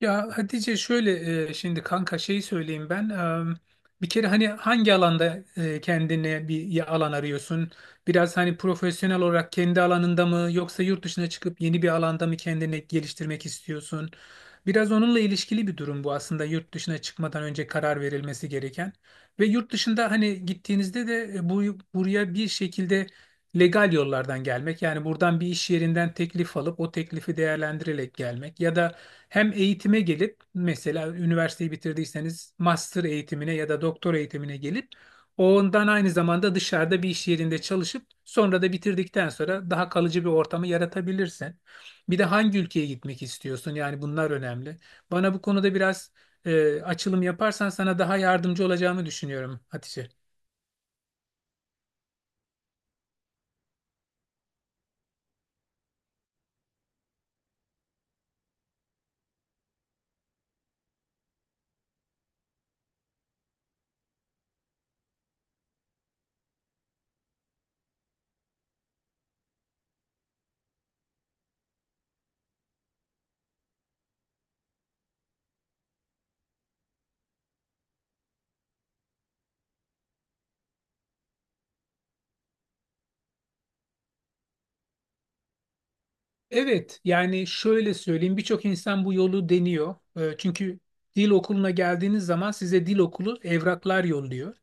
Ya Hatice şöyle şimdi kanka şeyi söyleyeyim ben. Bir kere hani hangi alanda kendine bir alan arıyorsun? Biraz hani profesyonel olarak kendi alanında mı yoksa yurt dışına çıkıp yeni bir alanda mı kendini geliştirmek istiyorsun? Biraz onunla ilişkili bir durum bu, aslında yurt dışına çıkmadan önce karar verilmesi gereken. Ve yurt dışında hani gittiğinizde de bu buraya bir şekilde legal yollardan gelmek, yani buradan bir iş yerinden teklif alıp o teklifi değerlendirerek gelmek ya da hem eğitime gelip mesela üniversiteyi bitirdiyseniz master eğitimine ya da doktor eğitimine gelip ondan aynı zamanda dışarıda bir iş yerinde çalışıp sonra da bitirdikten sonra daha kalıcı bir ortamı yaratabilirsin. Bir de hangi ülkeye gitmek istiyorsun? Yani bunlar önemli. Bana bu konuda biraz açılım yaparsan sana daha yardımcı olacağımı düşünüyorum Hatice. Evet, yani şöyle söyleyeyim, birçok insan bu yolu deniyor. Çünkü dil okuluna geldiğiniz zaman size dil okulu evraklar yolluyor.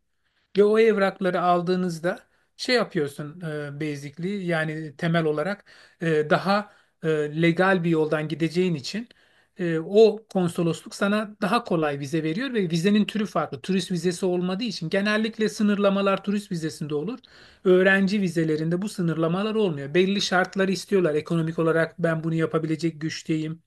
Ve o evrakları aldığınızda şey yapıyorsun, basically, yani temel olarak daha e, legal bir yoldan gideceğin için o konsolosluk sana daha kolay vize veriyor ve vizenin türü farklı. Turist vizesi olmadığı için genellikle sınırlamalar turist vizesinde olur. Öğrenci vizelerinde bu sınırlamalar olmuyor. Belli şartları istiyorlar. Ekonomik olarak ben bunu yapabilecek güçteyim.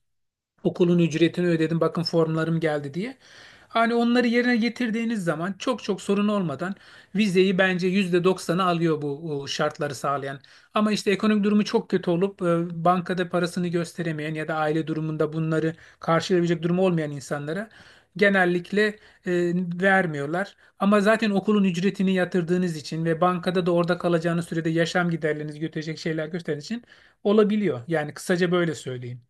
Okulun ücretini ödedim, bakın formlarım geldi diye. Hani onları yerine getirdiğiniz zaman çok çok sorun olmadan vizeyi bence %90'ı alıyor, bu o şartları sağlayan. Ama işte ekonomik durumu çok kötü olup bankada parasını gösteremeyen ya da aile durumunda bunları karşılayabilecek durumu olmayan insanlara genellikle e, vermiyorlar. Ama zaten okulun ücretini yatırdığınız için ve bankada da orada kalacağınız sürede yaşam giderlerinizi götürecek şeyler gösterdiğiniz için olabiliyor. Yani kısaca böyle söyleyeyim.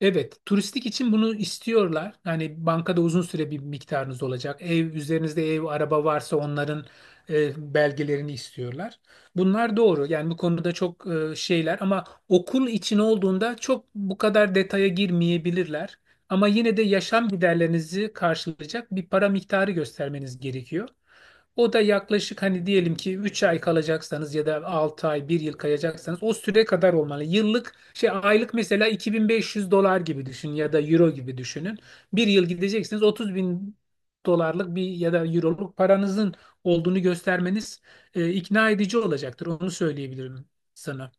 Evet, turistik için bunu istiyorlar. Yani bankada uzun süre bir miktarınız olacak. Ev üzerinizde ev, araba varsa onların belgelerini istiyorlar. Bunlar doğru. Yani bu konuda çok şeyler, ama okul için olduğunda çok bu kadar detaya girmeyebilirler. Ama yine de yaşam giderlerinizi karşılayacak bir para miktarı göstermeniz gerekiyor. O da yaklaşık, hani diyelim ki 3 ay kalacaksanız ya da 6 ay, bir yıl kalacaksanız, o süre kadar olmalı. Yıllık şey, aylık mesela 2.500 dolar gibi düşün ya da euro gibi düşünün. Bir yıl gideceksiniz, 30 bin dolarlık bir ya da euroluk paranızın olduğunu göstermeniz ikna edici olacaktır. Onu söyleyebilirim sana.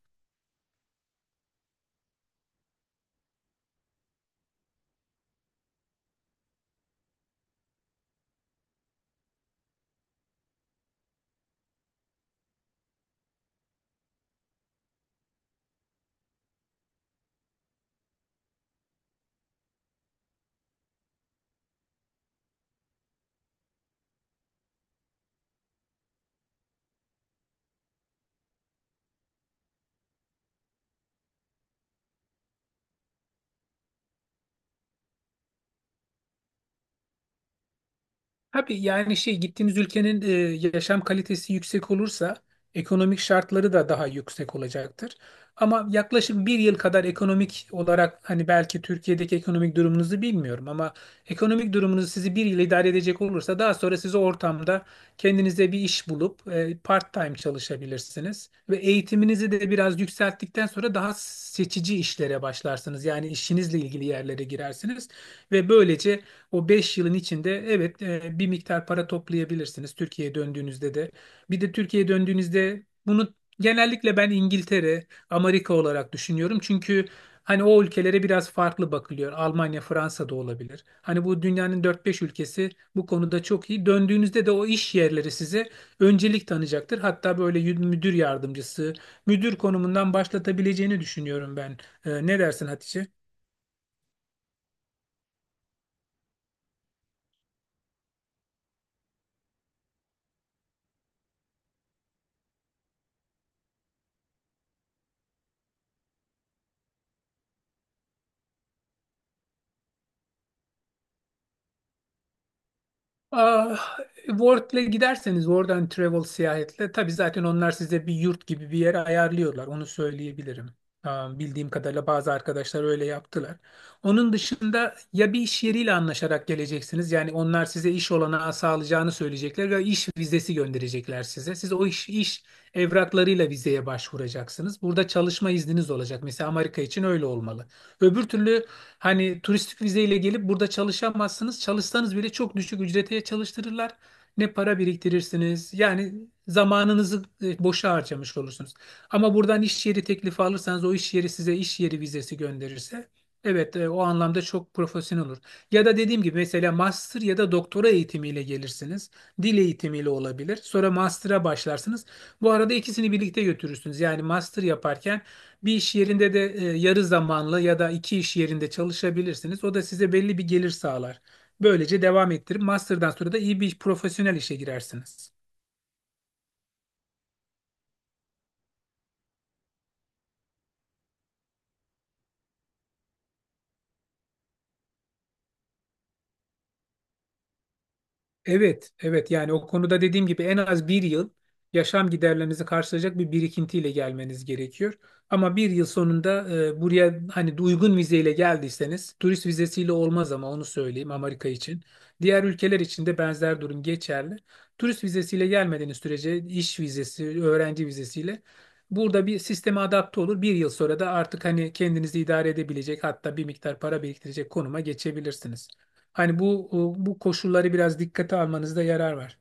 Abi yani şey, gittiğiniz ülkenin yaşam kalitesi yüksek olursa, ekonomik şartları da daha yüksek olacaktır. Ama yaklaşık bir yıl kadar ekonomik olarak, hani belki Türkiye'deki ekonomik durumunuzu bilmiyorum ama ekonomik durumunuz sizi bir yıl idare edecek olursa, daha sonra siz o ortamda kendinize bir iş bulup part-time çalışabilirsiniz ve eğitiminizi de biraz yükselttikten sonra daha seçici işlere başlarsınız. Yani işinizle ilgili yerlere girersiniz ve böylece o 5 yılın içinde, evet, bir miktar para toplayabilirsiniz Türkiye'ye döndüğünüzde de. Bir de Türkiye'ye döndüğünüzde bunu genellikle ben İngiltere, Amerika olarak düşünüyorum. Çünkü hani o ülkelere biraz farklı bakılıyor. Almanya, Fransa da olabilir. Hani bu dünyanın dört beş ülkesi bu konuda çok iyi. Döndüğünüzde de o iş yerleri size öncelik tanıyacaktır. Hatta böyle müdür yardımcısı, müdür konumundan başlatabileceğini düşünüyorum ben. Ne dersin Hatice? Ah, World'le giderseniz, oradan travel seyahatle tabii zaten onlar size bir yurt gibi bir yere ayarlıyorlar, onu söyleyebilirim. Ah, bildiğim kadarıyla bazı arkadaşlar öyle yaptılar. Onun dışında ya bir iş yeriyle anlaşarak geleceksiniz. Yani onlar size iş olanağı sağlayacağını söyleyecekler ve iş vizesi gönderecekler size. Siz o iş evraklarıyla vizeye başvuracaksınız. Burada çalışma izniniz olacak. Mesela Amerika için öyle olmalı. Öbür türlü hani turistik vizeyle gelip burada çalışamazsınız. Çalışsanız bile çok düşük ücrete çalıştırırlar. Ne para biriktirirsiniz. Yani zamanınızı boşa harcamış olursunuz. Ama buradan iş yeri teklifi alırsanız, o iş yeri size iş yeri vizesi gönderirse, evet, o anlamda çok profesyonel olur. Ya da dediğim gibi mesela master ya da doktora eğitimiyle gelirsiniz. Dil eğitimiyle olabilir. Sonra master'a başlarsınız. Bu arada ikisini birlikte götürürsünüz. Yani master yaparken bir iş yerinde de yarı zamanlı ya da iki iş yerinde çalışabilirsiniz. O da size belli bir gelir sağlar. Böylece devam ettirip master'dan sonra da iyi bir profesyonel işe girersiniz. Evet, evet, yani o konuda dediğim gibi en az bir yıl yaşam giderlerinizi karşılayacak bir birikintiyle gelmeniz gerekiyor. Ama bir yıl sonunda buraya hani uygun vizeyle geldiyseniz, turist vizesiyle olmaz ama, onu söyleyeyim Amerika için. Diğer ülkeler için de benzer durum geçerli. Turist vizesiyle gelmediğiniz sürece, iş vizesi, öğrenci vizesiyle burada bir sisteme adapte olur. Bir yıl sonra da artık hani kendinizi idare edebilecek hatta bir miktar para biriktirecek konuma geçebilirsiniz. Hani bu koşulları biraz dikkate almanızda yarar var.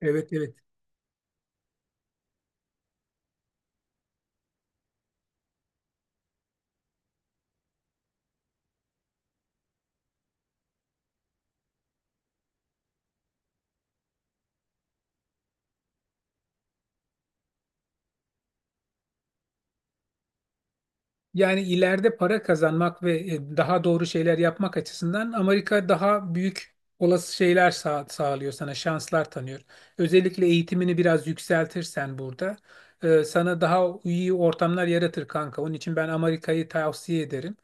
Evet, evet. Yani ileride para kazanmak ve daha doğru şeyler yapmak açısından Amerika daha büyük olası şeyler sağlıyor sana, şanslar tanıyor. Özellikle eğitimini biraz yükseltirsen burada sana daha iyi ortamlar yaratır kanka. Onun için ben Amerika'yı tavsiye ederim.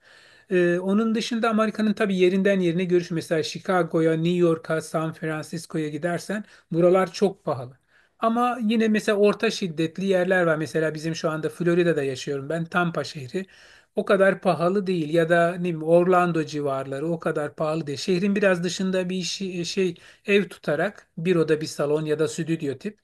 Onun dışında Amerika'nın tabii yerinden yerine görüş. Mesela Chicago'ya, New York'a, San Francisco'ya gidersen buralar çok pahalı. Ama yine mesela orta şiddetli yerler var. Mesela bizim şu anda Florida'da yaşıyorum ben, Tampa şehri o kadar pahalı değil ya da ne bileyim Orlando civarları o kadar pahalı değil. Şehrin biraz dışında bir işi, şey, ev tutarak bir oda bir salon ya da stüdyo tip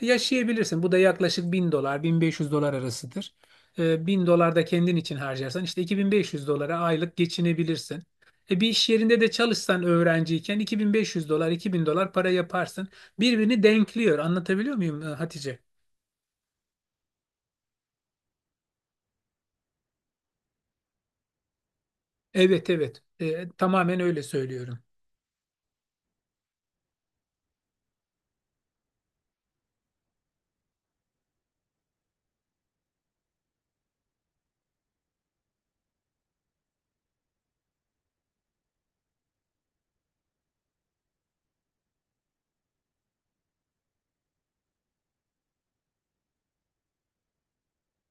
yaşayabilirsin. Bu da yaklaşık 1.000 dolar, 1.500 dolar arasıdır. 1.000 dolar da kendin için harcarsan işte 2.500 dolara aylık geçinebilirsin. Bir iş yerinde de çalışsan öğrenciyken 2.500 dolar, 2.000 dolar para yaparsın. Birbirini denkliyor. Anlatabiliyor muyum Hatice? Evet, evet. Tamamen öyle söylüyorum.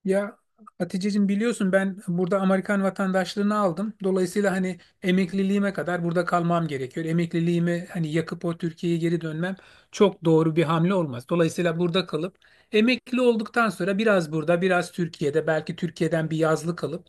Ya Hatice'cim, biliyorsun ben burada Amerikan vatandaşlığını aldım. Dolayısıyla hani emekliliğime kadar burada kalmam gerekiyor. Emekliliğimi hani yakıp o Türkiye'ye geri dönmem çok doğru bir hamle olmaz. Dolayısıyla burada kalıp emekli olduktan sonra biraz burada, biraz Türkiye'de, belki Türkiye'den bir yazlık alıp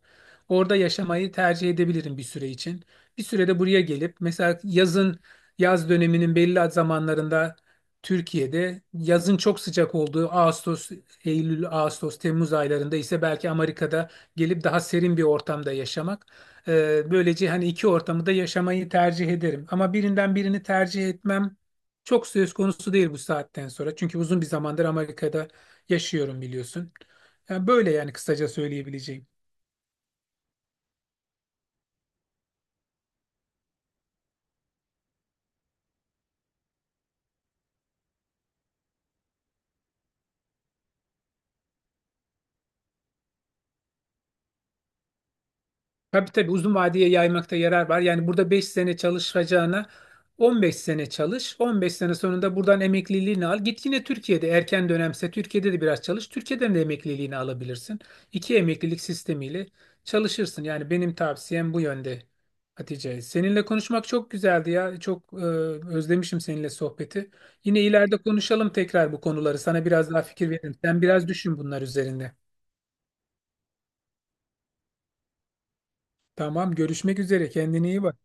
orada yaşamayı tercih edebilirim bir süre için. Bir sürede buraya gelip mesela yazın, yaz döneminin belli zamanlarında, Türkiye'de yazın çok sıcak olduğu Ağustos, Eylül, Ağustos, Temmuz aylarında ise belki Amerika'da gelip daha serin bir ortamda yaşamak. Böylece hani iki ortamı da yaşamayı tercih ederim. Ama birinden birini tercih etmem çok söz konusu değil bu saatten sonra. Çünkü uzun bir zamandır Amerika'da yaşıyorum, biliyorsun. Yani böyle, yani kısaca söyleyebileceğim. Tabii, tabii, uzun vadeye yaymakta yarar var. Yani burada 5 sene çalışacağına 15 sene çalış. 15 sene sonunda buradan emekliliğini al. Git yine Türkiye'de, erken dönemse Türkiye'de de biraz çalış. Türkiye'den de emekliliğini alabilirsin. İki emeklilik sistemiyle çalışırsın. Yani benim tavsiyem bu yönde Hatice. Seninle konuşmak çok güzeldi ya. Çok özlemişim seninle sohbeti. Yine ileride konuşalım tekrar bu konuları. Sana biraz daha fikir veririm. Sen biraz düşün bunlar üzerinde. Tamam, görüşmek üzere. Kendine iyi bak.